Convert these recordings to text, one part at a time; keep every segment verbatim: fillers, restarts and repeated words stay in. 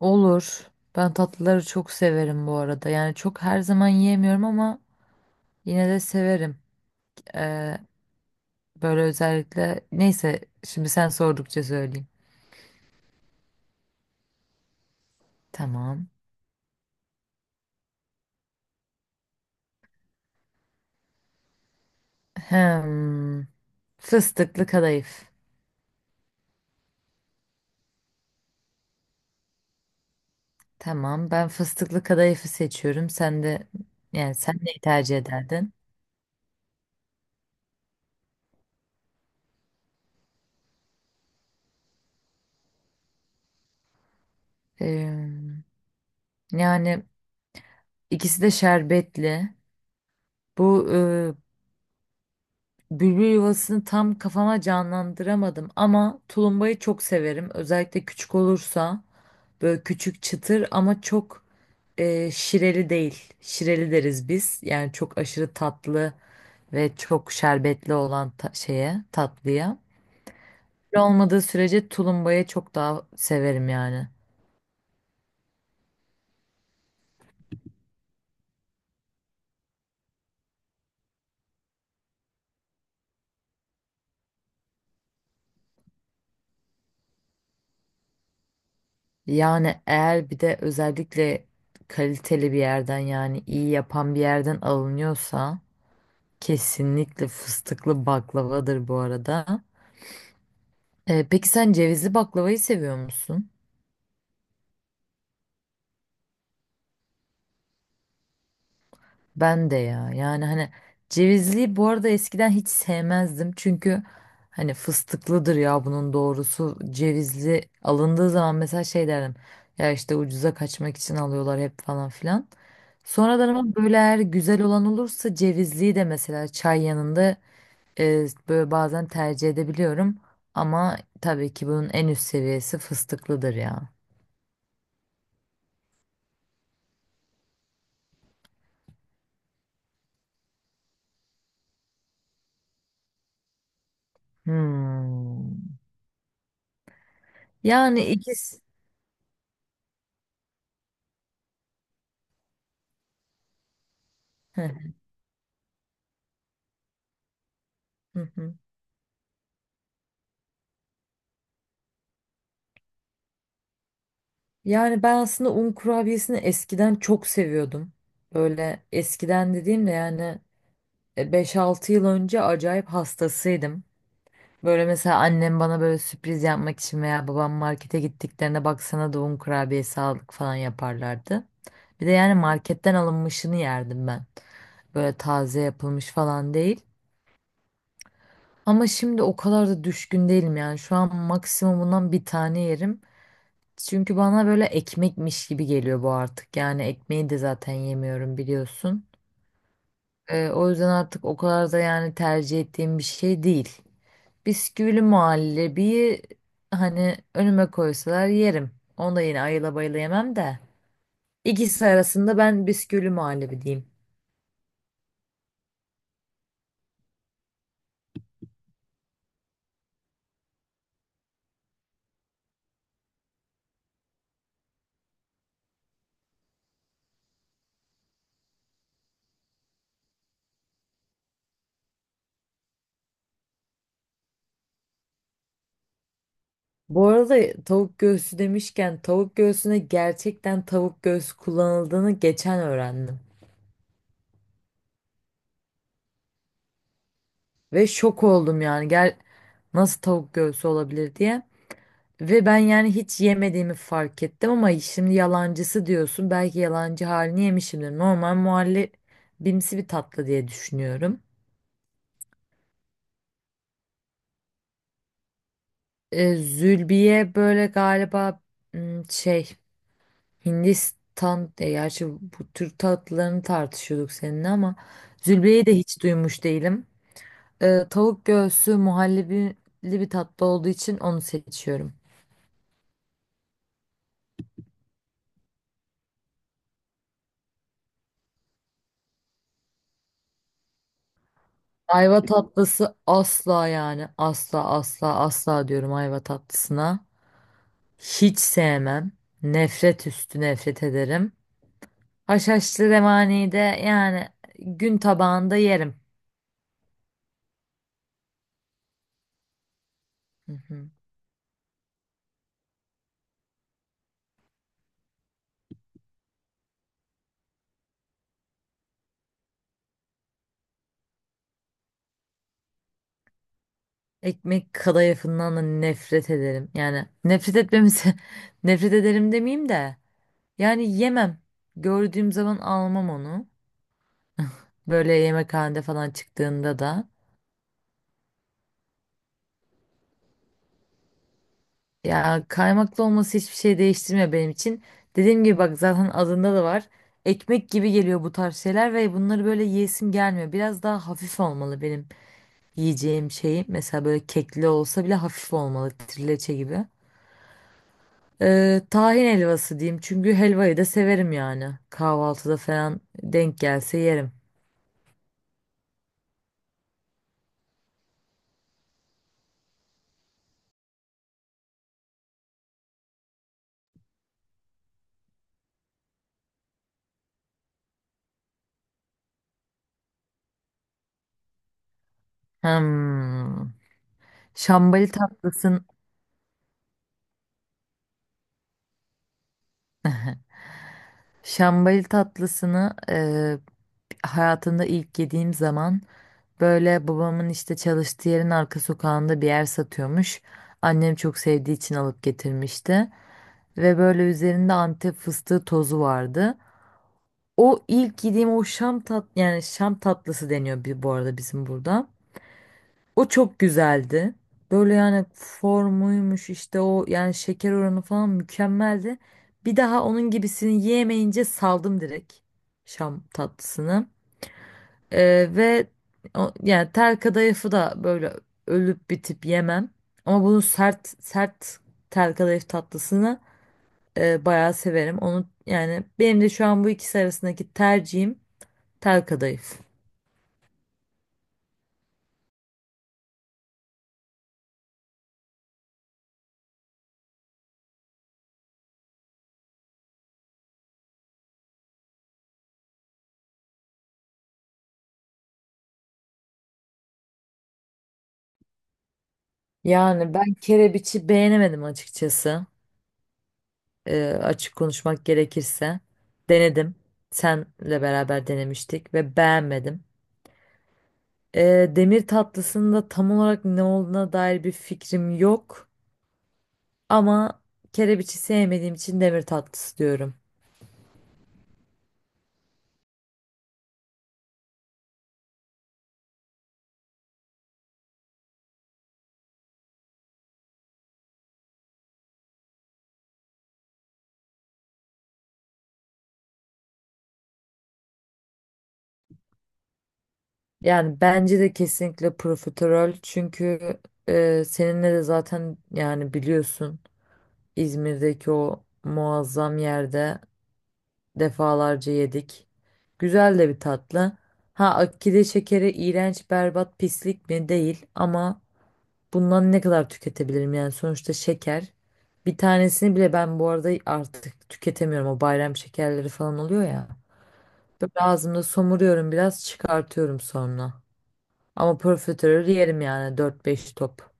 Olur. Ben tatlıları çok severim bu arada. Yani çok her zaman yiyemiyorum ama yine de severim. Ee, Böyle özellikle neyse şimdi sen sordukça söyleyeyim. Tamam. Hem fıstıklı kadayıf. Tamam. Ben fıstıklı kadayıfı seçiyorum. Sen de yani sen neyi tercih ederdin? Ee, Yani ikisi de şerbetli. Bu Bülbül yuvasını tam kafama canlandıramadım ama tulumbayı çok severim. Özellikle küçük olursa böyle küçük çıtır ama çok e, şireli değil. Şireli deriz biz. Yani çok aşırı tatlı ve çok şerbetli olan ta- şeye tatlıya. Şöyle olmadığı sürece tulumbayı çok daha severim yani. Yani eğer bir de özellikle kaliteli bir yerden yani iyi yapan bir yerden alınıyorsa kesinlikle fıstıklı baklavadır bu arada. Ee, peki sen cevizli baklavayı seviyor musun? Ben de ya. Yani hani cevizli bu arada eskiden hiç sevmezdim. Çünkü hani fıstıklıdır ya bunun doğrusu. Cevizli alındığı zaman mesela şey derdim. Ya işte ucuza kaçmak için alıyorlar hep falan filan. Sonradan ama böyle eğer güzel olan olursa cevizliyi de mesela çay yanında e, böyle bazen tercih edebiliyorum ama tabii ki bunun en üst seviyesi fıstıklıdır ya. Hmm. Yani ikisi. Heh, hı hı. Yani ben aslında un kurabiyesini eskiden çok seviyordum. Böyle eskiden dediğimde yani e, beş altı yıl önce acayip hastasıydım. Böyle mesela annem bana böyle sürpriz yapmak için veya babam markete gittiklerinde baksana da un kurabiyesi aldık falan yaparlardı. Bir de yani marketten alınmışını yerdim ben. Böyle taze yapılmış falan değil. Ama şimdi o kadar da düşkün değilim yani. Şu an maksimumundan bir tane yerim. Çünkü bana böyle ekmekmiş gibi geliyor bu artık. Yani ekmeği de zaten yemiyorum biliyorsun. Ee, o yüzden artık o kadar da yani tercih ettiğim bir şey değil. Bisküvili muhallebiyi hani önüme koysalar yerim. Onu da yine ayıla bayıla yemem de. İkisi arasında ben bisküvili muhallebi diyeyim. Bu arada tavuk göğsü demişken tavuk göğsüne gerçekten tavuk göğsü kullanıldığını geçen öğrendim. Ve şok oldum yani gel nasıl tavuk göğsü olabilir diye. Ve ben yani hiç yemediğimi fark ettim ama şimdi yalancısı diyorsun. Belki yalancı halini yemişimdir. Normal muhallebimsi bir tatlı diye düşünüyorum. Ee, Zülbiye böyle galiba ım, şey Hindistan, e, gerçi bu Türk tatlılarını tartışıyorduk seninle ama zülbeyi de hiç duymuş değilim. Ee, tavuk göğsü muhallebili bir tatlı olduğu için onu seçiyorum. Ayva tatlısı asla yani asla asla asla diyorum ayva tatlısına. Hiç sevmem. Nefret üstü nefret ederim. Haşhaşlı revani de yani gün tabağında yerim. Hı hı. Ekmek kadayıfından da nefret ederim. Yani nefret etmemize nefret ederim demeyeyim de. Yani yemem. Gördüğüm zaman almam onu. Böyle yemekhanede falan çıktığında da. Ya kaymaklı olması hiçbir şey değiştirmiyor benim için. Dediğim gibi bak zaten adında da var. Ekmek gibi geliyor bu tarz şeyler ve bunları böyle yiyesim gelmiyor. Biraz daha hafif olmalı benim yiyeceğim şeyim. Mesela böyle kekli olsa bile hafif olmalı. Trileçe gibi. Ee, tahin helvası diyeyim. Çünkü helvayı da severim yani. Kahvaltıda falan denk gelse yerim. Hmm. Şambali tatlısın, şambali tatlısını e, hayatımda ilk yediğim zaman böyle babamın işte çalıştığı yerin arka sokağında bir yer satıyormuş. Annem çok sevdiği için alıp getirmişti. Ve böyle üzerinde Antep fıstığı tozu vardı. O ilk yediğim o şam tat yani şam tatlısı deniyor bir, bu arada bizim burada. O çok güzeldi. Böyle yani formuymuş işte o yani şeker oranı falan mükemmeldi. Bir daha onun gibisini yiyemeyince saldım direkt şam tatlısını. Ee, ve o- Yani tel kadayıfı da böyle ölüp bitip yemem. Ama bunu sert sert tel kadayıf tatlısını e, bayağı severim. Onu yani benim de şu an bu ikisi arasındaki tercihim tel kadayıf. Yani ben kerebiçi beğenemedim açıkçası. E, açık konuşmak gerekirse denedim. Senle beraber denemiştik ve beğenmedim. E, demir tatlısının da tam olarak ne olduğuna dair bir fikrim yok. Ama kerebiçi sevmediğim için demir tatlısı diyorum. Yani bence de kesinlikle profiterol çünkü e, seninle de zaten yani biliyorsun İzmir'deki o muazzam yerde defalarca yedik. Güzel de bir tatlı. Ha akide şekeri iğrenç, berbat, pislik mi? Değil ama bundan ne kadar tüketebilirim yani sonuçta şeker. Bir tanesini bile ben bu arada artık tüketemiyorum. O bayram şekerleri falan oluyor ya. Böyle ağzımda somuruyorum biraz çıkartıyorum sonra. Ama profiterol yerim yani dört beş top.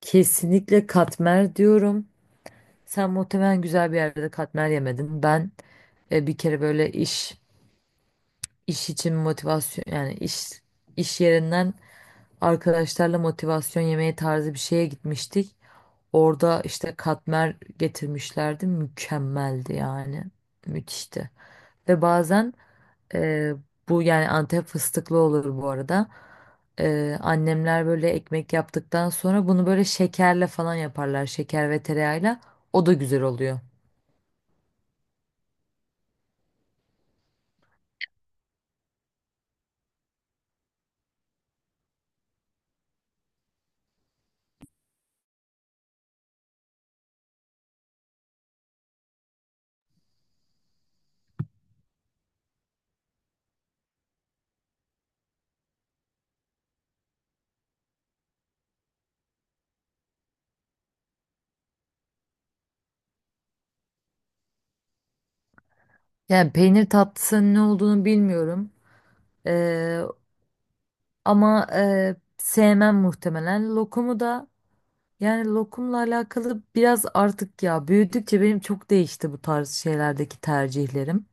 Kesinlikle katmer diyorum. Sen muhtemelen güzel bir yerde katmer yemedin. Ben e, bir kere böyle iş İş için motivasyon yani iş iş yerinden arkadaşlarla motivasyon yemeği tarzı bir şeye gitmiştik. Orada işte katmer getirmişlerdi. Mükemmeldi yani. Müthişti. Ve bazen e, bu yani Antep fıstıklı olur bu arada. E, annemler böyle ekmek yaptıktan sonra bunu böyle şekerle falan yaparlar. Şeker ve tereyağıyla. O da güzel oluyor. Yani peynir tatlısının ne olduğunu bilmiyorum. E, Ama e, sevmem muhtemelen. Lokumu da yani lokumla alakalı biraz artık ya büyüdükçe benim çok değişti bu tarz şeylerdeki tercihlerim.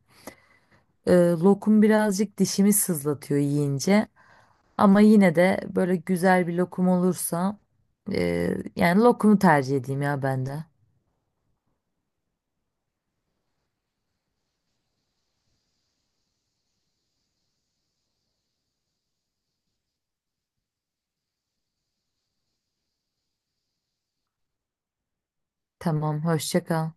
E, lokum birazcık dişimi sızlatıyor yiyince. Ama yine de böyle güzel bir lokum olursa e, yani lokumu tercih edeyim ya ben de. Tamam, hoşça kal.